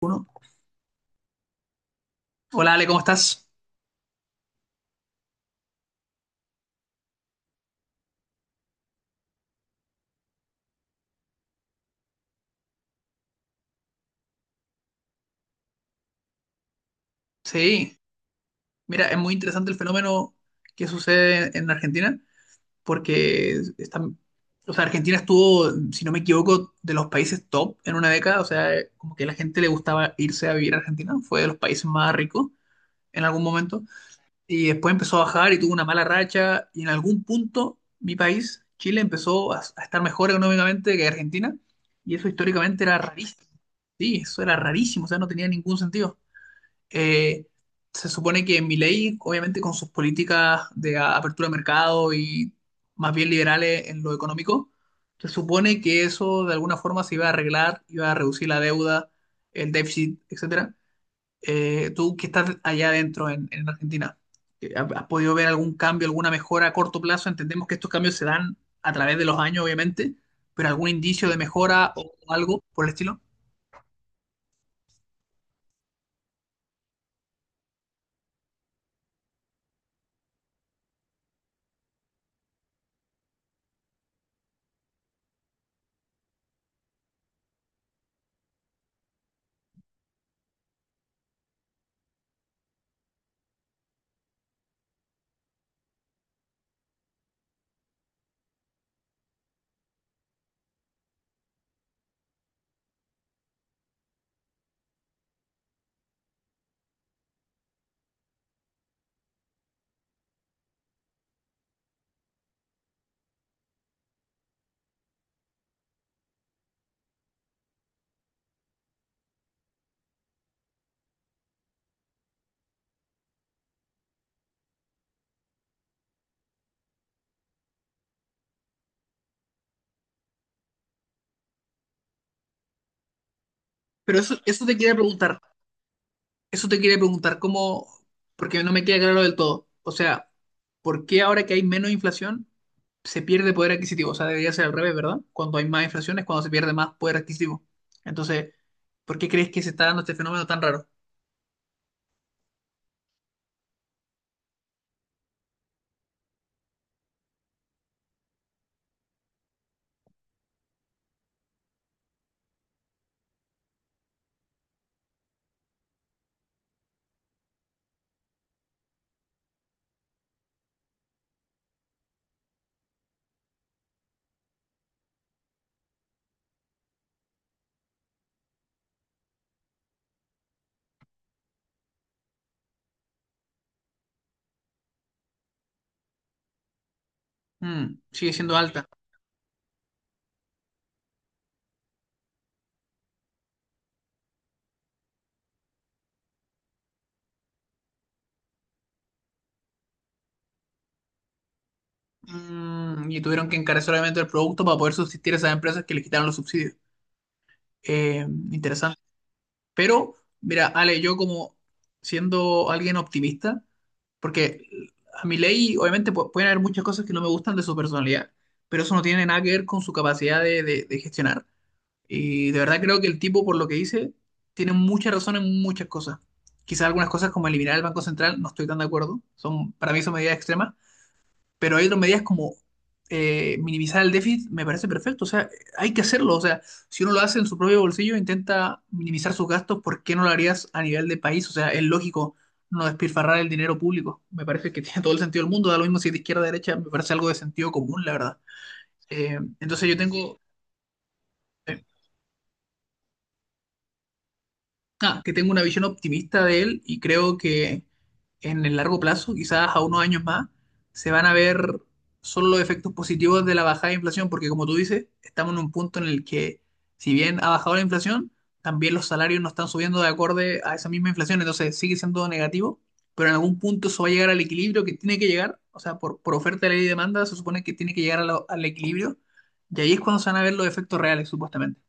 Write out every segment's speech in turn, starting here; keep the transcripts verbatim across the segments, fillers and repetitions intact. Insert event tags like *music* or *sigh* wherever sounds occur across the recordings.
Uno. Hola Ale, ¿cómo estás? Sí, mira, es muy interesante el fenómeno que sucede en Argentina, porque están, o sea, Argentina estuvo, si no me equivoco, de los países top en una década, o sea, como que a la gente le gustaba irse a vivir a Argentina, fue de los países más ricos en algún momento, y después empezó a bajar y tuvo una mala racha, y en algún punto mi país, Chile, empezó a, a estar mejor económicamente que Argentina, y eso históricamente era rarísimo, sí, eso era rarísimo, o sea, no tenía ningún sentido. Eh, Se supone que Milei, obviamente con sus políticas de a- apertura de mercado y más bien liberales en lo económico, se supone que eso de alguna forma se iba a arreglar, iba a reducir la deuda, el déficit, etcétera. Eh, tú que estás allá adentro en, en Argentina, eh, ¿has has podido ver algún cambio, alguna mejora a corto plazo? Entendemos que estos cambios se dan a través de los años, obviamente, pero algún indicio de mejora o algo por el estilo. Pero eso, eso te quería preguntar, eso te quería preguntar, ¿cómo? Porque no me queda claro del todo. O sea, ¿por qué ahora que hay menos inflación se pierde poder adquisitivo? O sea, debería ser al revés, ¿verdad? Cuando hay más inflación es cuando se pierde más poder adquisitivo. Entonces, ¿por qué crees que se está dando este fenómeno tan raro? Mm, sigue siendo alta. Mm, y tuvieron que encarecer obviamente el producto para poder subsistir a esas empresas que les quitaron los subsidios. Eh, interesante. Pero, mira, Ale, yo como siendo alguien optimista, porque a Milei, obviamente, pu- pueden haber muchas cosas que no me gustan de su personalidad, pero eso no tiene nada que ver con su capacidad de, de- de gestionar. Y de verdad creo que el tipo, por lo que dice, tiene mucha razón en muchas cosas. Quizás algunas cosas como eliminar el Banco Central, no estoy tan de acuerdo. Son, para mí son medidas extremas, pero hay otras medidas como eh, minimizar el déficit, me parece perfecto. O sea, hay que hacerlo. O sea, si uno lo hace en su propio bolsillo, intenta minimizar sus gastos, ¿por qué no lo harías a nivel de país? O sea, es lógico no despilfarrar el dinero público. Me parece que *laughs* tiene todo el sentido del mundo. Da lo mismo si es de izquierda o de derecha, me parece algo de sentido común, la verdad. Eh, entonces yo tengo, eh, ah, que tengo una visión optimista de él y creo que en el largo plazo, quizás a unos años más, se van a ver solo los efectos positivos de la bajada de inflación, porque como tú dices, estamos en un punto en el que, si bien ha bajado la inflación, también los salarios no están subiendo de acorde a esa misma inflación, entonces sigue siendo negativo, pero en algún punto eso va a llegar al equilibrio que tiene que llegar, o sea, por, por oferta, ley y demanda, se supone que tiene que llegar a lo- al equilibrio, y ahí es cuando se van a ver los efectos reales, supuestamente.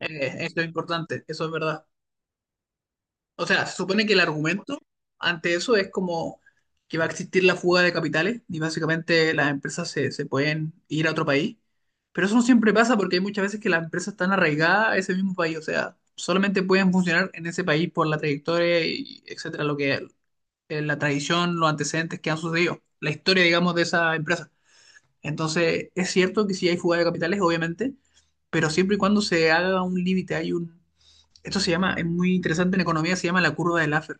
Eh, eso es importante, eso es verdad. O sea, se supone que el argumento ante eso es como que va a existir la fuga de capitales y básicamente las empresas se, se pueden ir a otro país. Pero eso no siempre pasa porque hay muchas veces que las empresas están arraigadas a ese mismo país. O sea, solamente pueden funcionar en ese país por la trayectoria y etcétera, lo que eh, la tradición, los antecedentes que han sucedido, la historia, digamos, de esa empresa. Entonces, es cierto que sí hay fuga de capitales, obviamente, pero siempre y cuando se haga un límite, hay un... Esto se llama, es muy interesante en economía, se llama la curva de Laffer,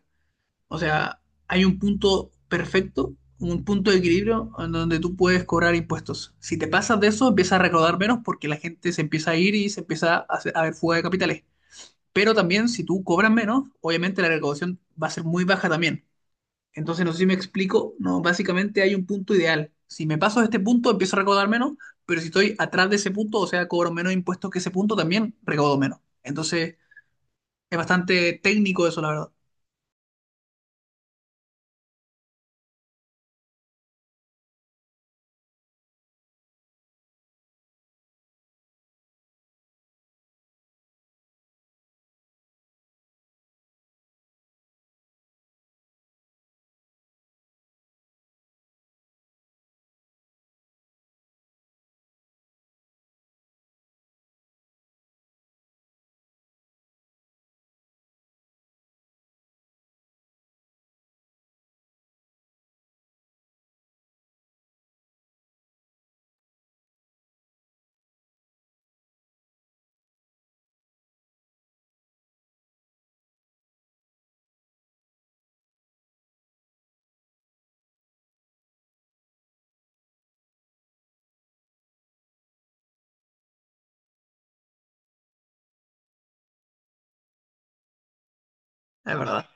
o sea, hay un punto perfecto, un punto de equilibrio en donde tú puedes cobrar impuestos. Si te pasas de eso, empiezas a recaudar menos porque la gente se empieza a ir y se empieza a, hacer- a ver fuga de capitales. Pero también, si tú cobras menos, obviamente la recaudación va a ser muy baja también. Entonces, no sé si me explico, no, básicamente hay un punto ideal. Si me paso de este punto, empiezo a recaudar menos, pero si estoy atrás de ese punto, o sea, cobro menos impuestos que ese punto, también recaudo menos. Entonces, es bastante técnico eso, la verdad. Es verdad.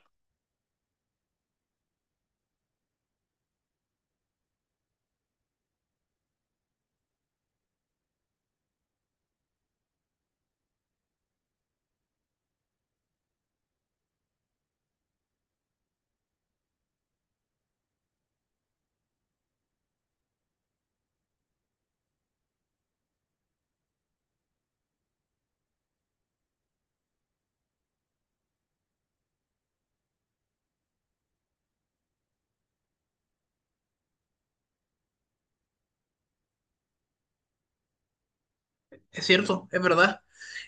Es cierto, es verdad.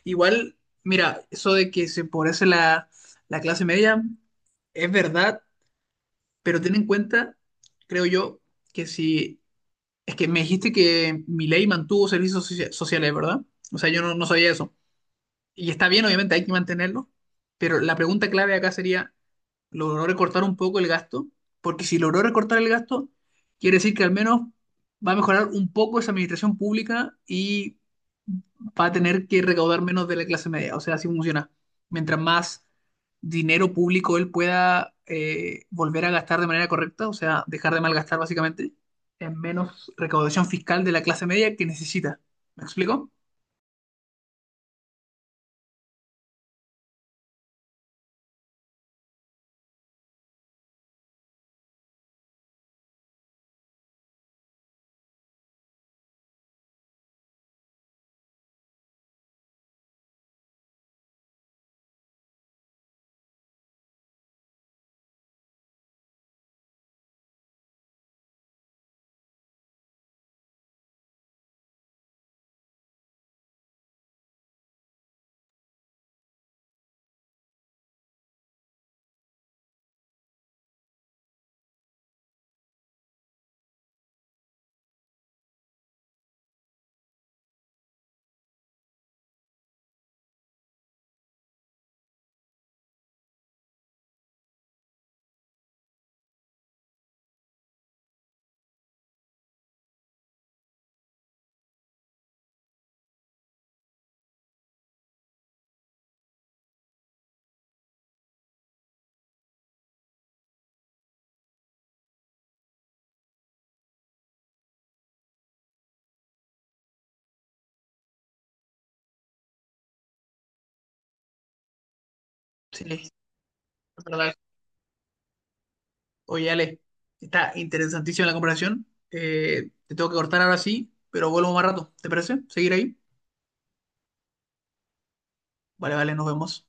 Igual, mira, eso de que se empobrece la, la clase media es verdad, pero ten en cuenta, creo yo, que si... Es que me dijiste que mi ley mantuvo servicios socia- sociales, ¿verdad? O sea, yo no, no sabía eso. Y está bien, obviamente, hay que mantenerlo, pero la pregunta clave acá sería, ¿logró recortar un poco el gasto? Porque si logró recortar el gasto, quiere decir que al menos va a mejorar un poco esa administración pública y va a tener que recaudar menos de la clase media. O sea, así funciona. Mientras más dinero público él pueda eh, volver a gastar de manera correcta, o sea, dejar de malgastar básicamente, es menos recaudación fiscal de la clase media que necesita. ¿Me explico? Sí, es verdad. Oye, Ale, está interesantísima la conversación. Eh, te tengo que cortar ahora sí, pero vuelvo más rato. ¿Te parece? ¿Seguir ahí? Vale, vale, nos vemos.